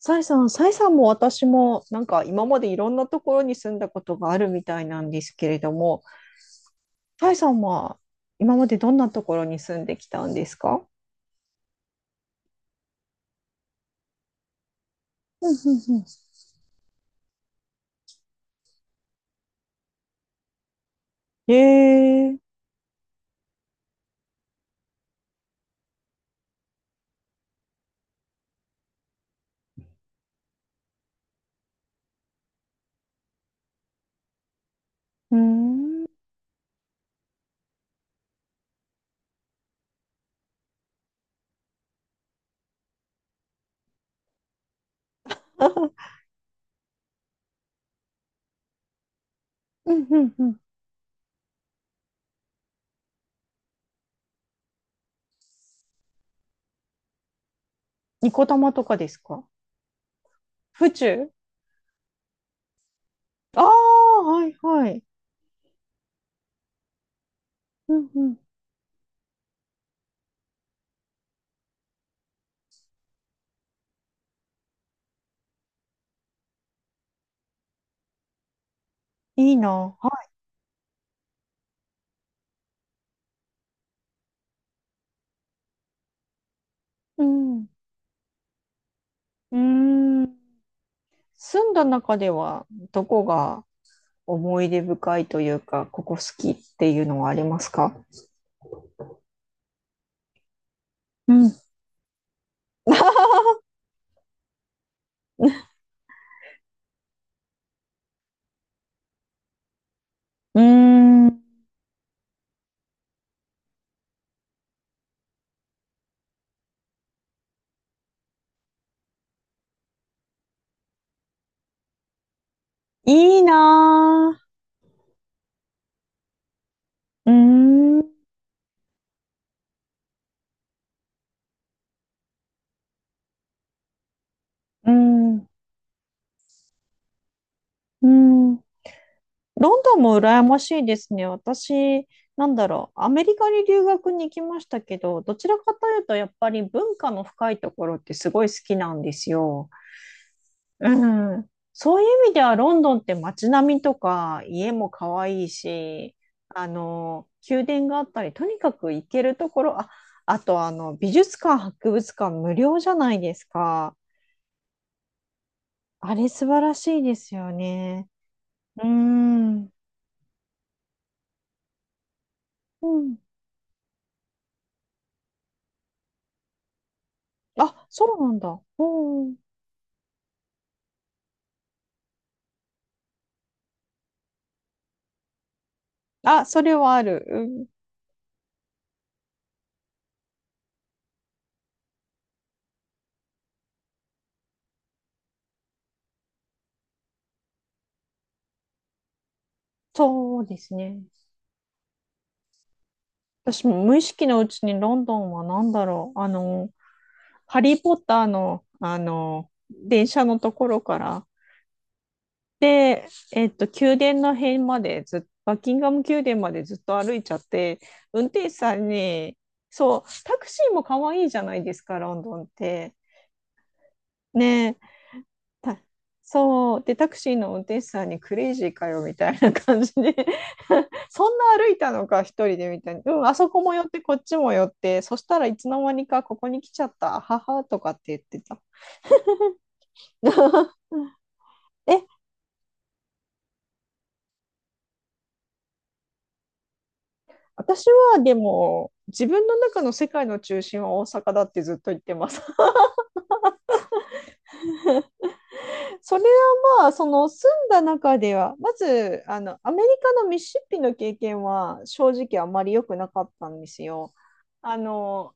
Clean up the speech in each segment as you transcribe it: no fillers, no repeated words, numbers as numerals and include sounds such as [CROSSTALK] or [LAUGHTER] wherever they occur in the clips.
サイさんも私もなんか今までいろんなところに住んだことがあるみたいなんですけれども、サイさんは今までどんなところに住んできたんですか？うんうんうん。うーん。[LAUGHS] うんうんうん。ニコ玉とかですか？府中？ああー、はいはい。うんうん。いいな。はい。うん。うーん。住んだ中ではどこが思い出深いというか、ここ好きっていうのはありますか？ [LAUGHS] うーん、いいなぁ。うーん、うん、うん。ロンドンも羨ましいですね。私、なんだろう、アメリカに留学に行きましたけど、どちらかというと、やっぱり文化の深いところってすごい好きなんですよ。うん。そういう意味では、ロンドンって街並みとか、家も可愛いし、宮殿があったり、とにかく行けるところ、あ、あと、美術館、博物館無料じゃないですか。あれ素晴らしいですよね。うーん。うん。あ、そうなんだ。うん。あ、それはある。うん、そうですね。私も無意識のうちにロンドンは何だろう。あの、ハリー・ポッターの、あの、電車のところから、宮殿の辺までずっ、バッキンガム宮殿までずっと歩いちゃって、運転手さんに、そう、タクシーも可愛いじゃないですか、ロンドンって。ねえたそう。で、タクシーの運転手さんにクレイジーかよみたいな感じで [LAUGHS] そんな歩いたのか、一人でみたいに。うん、あそこも寄って、こっちも寄って、そしたらいつの間にかここに来ちゃった、あははとかって言ってた。[LAUGHS] え、私はでも、自分の中の世界の中心は大阪だってずっと言ってます。[LAUGHS] それはまあ、その住んだ中では、まず、アメリカのミシシッピの経験は正直あまり良くなかったんですよ。あの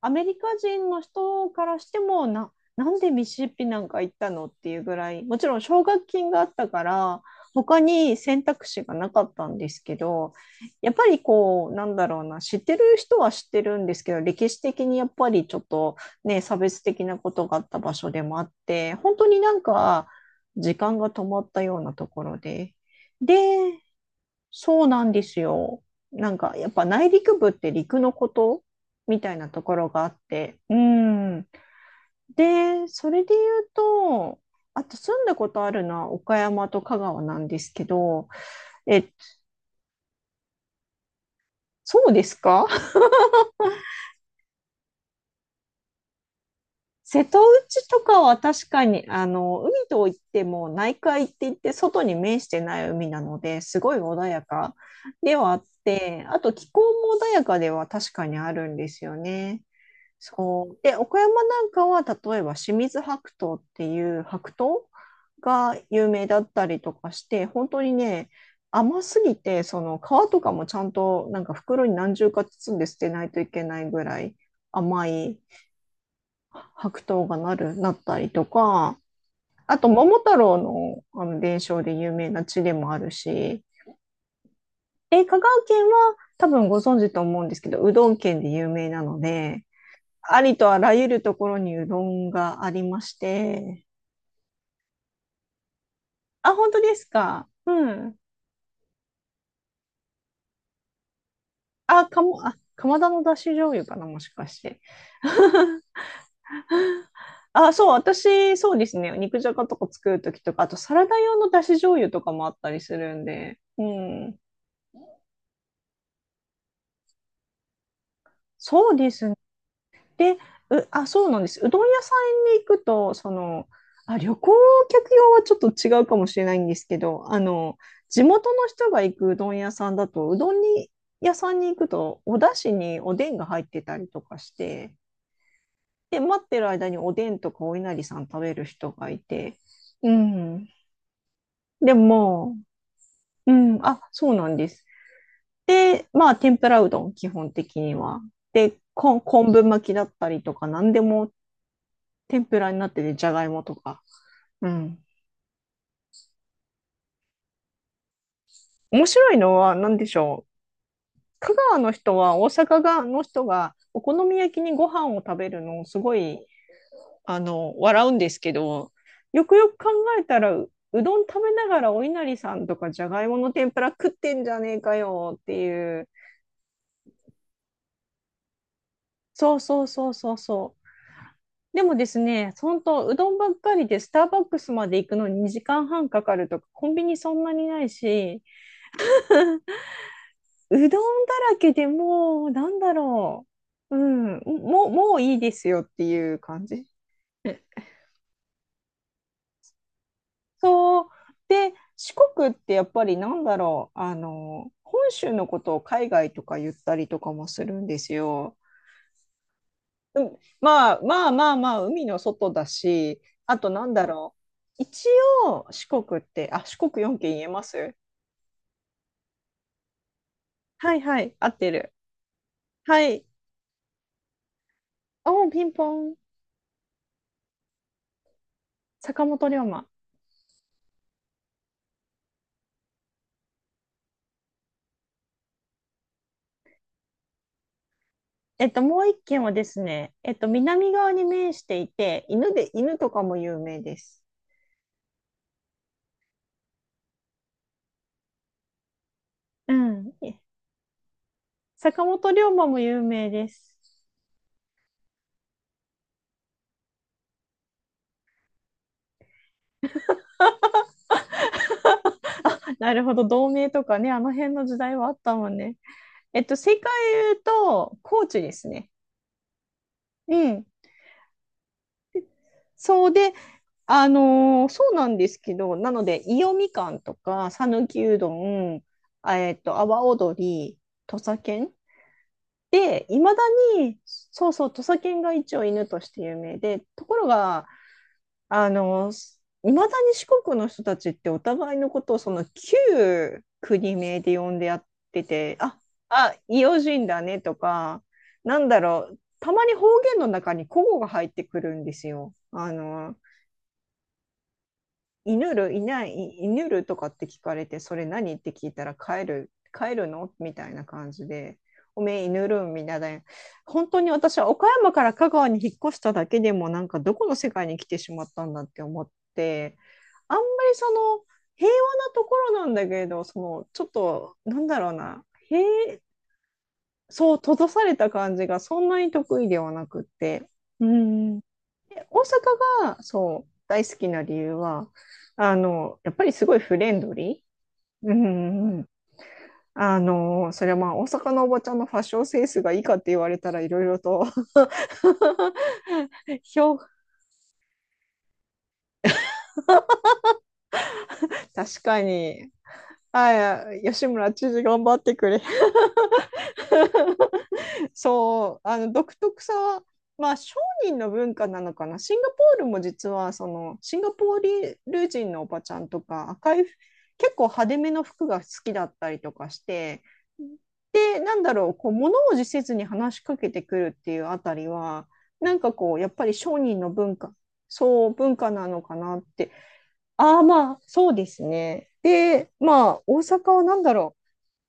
アメリカ人の人からしてもな、なんでミシシッピなんか行ったのっていうぐらい、もちろん奨学金があったから、他に選択肢がなかったんですけど、やっぱりこう、なんだろうな、知ってる人は知ってるんですけど、歴史的にやっぱりちょっとね、差別的なことがあった場所でもあって、本当になんか時間が止まったようなところで、で、そうなんですよ。なんかやっぱ内陸部って陸のことみたいなところがあって。うん。で、それで言うと、あと住んだことあるのは岡山と香川なんですけど、え、そうですか？ [LAUGHS] 瀬戸内とかは確かに、海といっても内海って言って外に面してない海なので、すごい穏やかではあって、あと気候も穏やかでは確かにあるんですよね。そう。で、岡山なんかは、例えば清水白桃っていう白桃が有名だったりとかして、本当にね、甘すぎて、その皮とかもちゃんとなんか袋に何重か包んで捨てないといけないぐらい甘い白桃がなったりとか、あと桃太郎の、あの伝承で有名な地でもあるし、で、香川県は多分ご存知と思うんですけど、うどん県で有名なので、ありとあらゆるところにうどんがありまして。あ、本当ですか。うん。あ、かも、あ、釜田のだし醤油かな、もしかして。あ、そう、私、そうですね。肉じゃがとか作るときとか、あとサラダ用のだし醤油とかもあったりするんで。うん。そうですね。で、う、あ、そうなんです。うどん屋さんに行くと、その、あ、旅行客用はちょっと違うかもしれないんですけど、地元の人が行くうどん屋さんだと、うどんに、屋さんに行くと、お出汁におでんが入ってたりとかして、で、待ってる間におでんとかお稲荷さん食べる人がいて、うん。でも、うん、あ、そうなんです。で、まあ、天ぷらうどん、基本的には。で、昆布巻きだったりとか、何でも天ぷらになってて、じゃがいもとか。うん。面白いのは何でしょう。香川の人は、大阪がの人が、お好み焼きにご飯を食べるのをすごい、笑うんですけど、よくよく考えたら、うどん食べながらお稲荷さんとかじゃがいもの天ぷら食ってんじゃねえかよっていう。そうそうそうそうそう。でもですね、本当うどんばっかりでスターバックスまで行くのに2時間半かかるとか、コンビニそんなにないし、うどんだらけでもう、なんだろう。うん、もういいですよっていう感じ。え、そう。で、四国ってやっぱりなんだろう。本州のことを海外とか言ったりとかもするんですよ。うんまあまあまあまあ、海の外だし、あとなんだろう。一応、四国って、あ、四国4県言えます？はいはい、合ってる。はい。おー、ピンポン。坂本龍馬。もう一軒はですね、南側に面していて、犬とかも有名です。うん。坂本龍馬も有名です。あ、なるほど、同盟とかね、あの辺の時代はあったもんね。正解言うと、高知ですね。うん。そうで、そうなんですけど、なので、伊予みかんとか、讃岐うどん、阿波踊り、土佐犬で、いまだに、そうそう、土佐犬が一応犬として有名で、ところが、あの、いまだに四国の人たちってお互いのことをその旧国名で呼んでやってて、あ、伊予人だねとか、なんだろう、たまに方言の中に古語が入ってくるんですよ。犬るいないい犬るとかって聞かれてそれ何って聞いたら帰る帰るのみたいな感じでおめえ犬るんみんなだよ。本当に私は岡山から香川に引っ越しただけでもなんかどこの世界に来てしまったんだって思って、あんまりその平和なところなんだけどそのちょっとなんだろうな、へえ、そう、閉ざされた感じがそんなに得意ではなくって。うーん、大阪が、そう、大好きな理由は、やっぱりすごいフレンドリー。うんうんうん。それはまあ、大阪のおばちゃんのファッションセンスがいいかって言われたらいろいろと [LAUGHS] 評価、確かに。あ、いや、吉村知事頑張ってくれ。そう、独特さは、まあ、商人の文化なのかな。シンガポールも実は、その、シンガポール人のおばちゃんとか、赤い、結構派手めの服が好きだったりとかして、で、なんだろう、こう、物おじせずに話しかけてくるっていうあたりは、なんかこう、やっぱり商人の文化、そう文化なのかなって。ああ、まあ、そうですね。で、まあ、大阪はなんだろ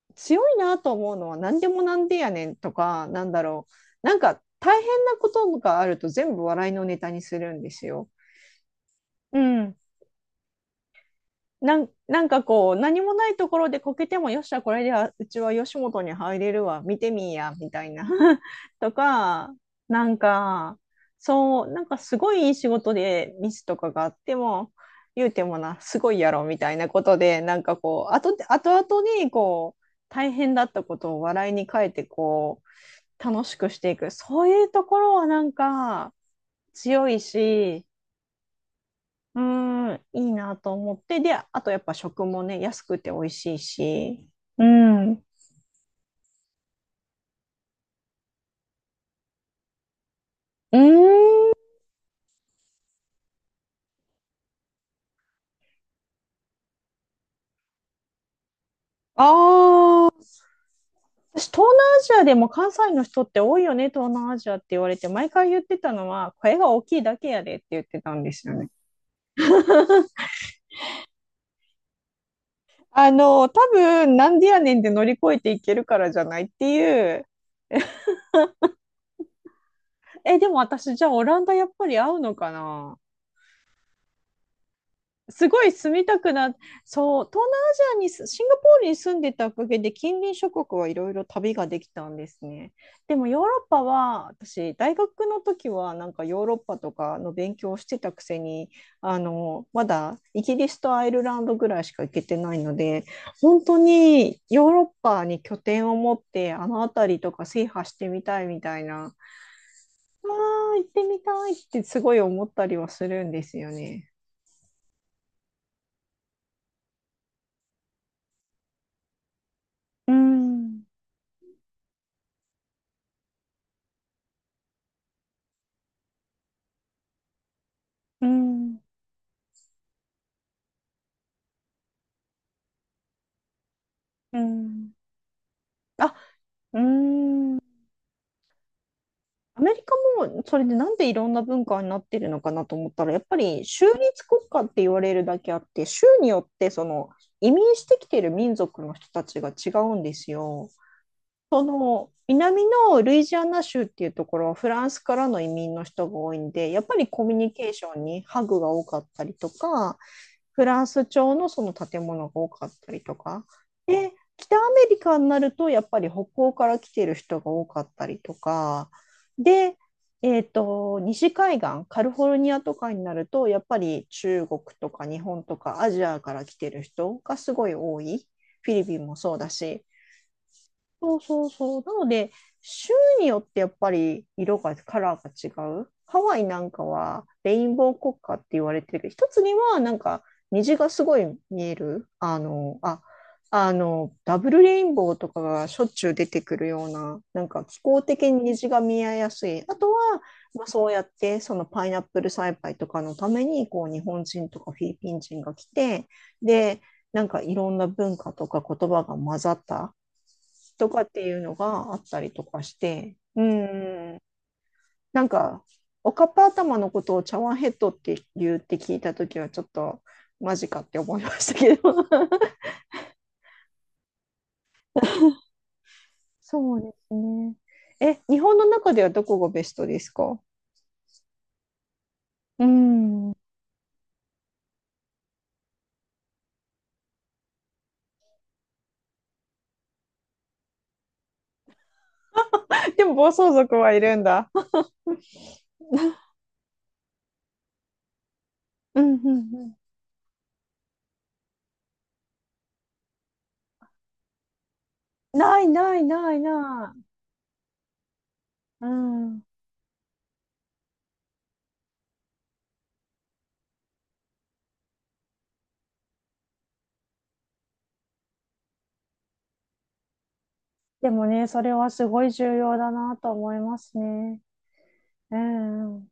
う、強いなと思うのは、何でもなんでやねんとか、なんか大変なことがあると全部笑いのネタにするんですよ。うん。なんかこう、何もないところでこけても、よっしゃ、これでは、うちは吉本に入れるわ、見てみーや、みたいな。[LAUGHS] とか、なんか、そう、なんかすごいいい仕事でミスとかがあっても、言うてもな、すごいやろ、みたいなことで、なんかこう、あと後々に、こう、大変だったことを笑いに変えて、こう、楽しくしていく。そういうところはなんか強いし、うーん、いいなと思って、で、あとやっぱ食もね、安くて美味しいし、うん。うーん、ああ、私、東南アジアでも関西の人って多いよね、東南アジアって言われて、毎回言ってたのは、声が大きいだけやでって言ってたんですよね。あの、多分、なんでやねんで乗り越えていけるからじゃないっていう。え、でも私、じゃあオランダやっぱり合うのかな。すごい住みたくな、そう、東南アジアに、シンガポールに住んでたおかげで、近隣諸国はいろいろ旅ができたんですね。でもヨーロッパは、私、大学の時は、なんかヨーロッパとかの勉強をしてたくせに、あの、まだイギリスとアイルランドぐらいしか行けてないので、本当にヨーロッパに拠点を持って、あの辺りとか制覇してみたいみたいな、ああ、行ってみたいってすごい思ったりはするんですよね。うん、うんうん。あ、うーん。アメリカもそれでなんでいろんな文化になってるのかなと思ったら、やっぱり州立国家って言われるだけあって、州によってその移民してきてる民族の人たちが違うんですよ。その南のルイジアナ州っていうところはフランスからの移民の人が多いんで、やっぱりコミュニケーションにハグが多かったりとか、フランス調のその建物が多かったりとか。で、北アメリカになると、やっぱり北欧から来てる人が多かったりとか。で、西海岸、カリフォルニアとかになると、やっぱり中国とか日本とかアジアから来てる人がすごい多い。フィリピンもそうだし。そうそうそう。なので、州によってやっぱり色が、カラーが違う。ハワイなんかはレインボー国家って言われてるけど、一つにはなんか虹がすごい見える。ダブルレインボーとかがしょっちゅう出てくるような、なんか気候的に虹が見えやすい。あとは、まあ、そうやってそのパイナップル栽培とかのために、こう日本人とかフィリピン人が来て、で、なんかいろんな文化とか言葉が混ざった。とかっていうのがあったりとかして、うん。なんか、おかっぱ頭のことを茶碗ヘッドって言うって聞いたときは、ちょっとマジかって思いましたけど。[LAUGHS] そうですね。え、日本の中ではどこがベストですか？うん。でも暴走族はいるんだ。うんうんうん。ないないないない。うん。でもね、それはすごい重要だなと思いますね。うん。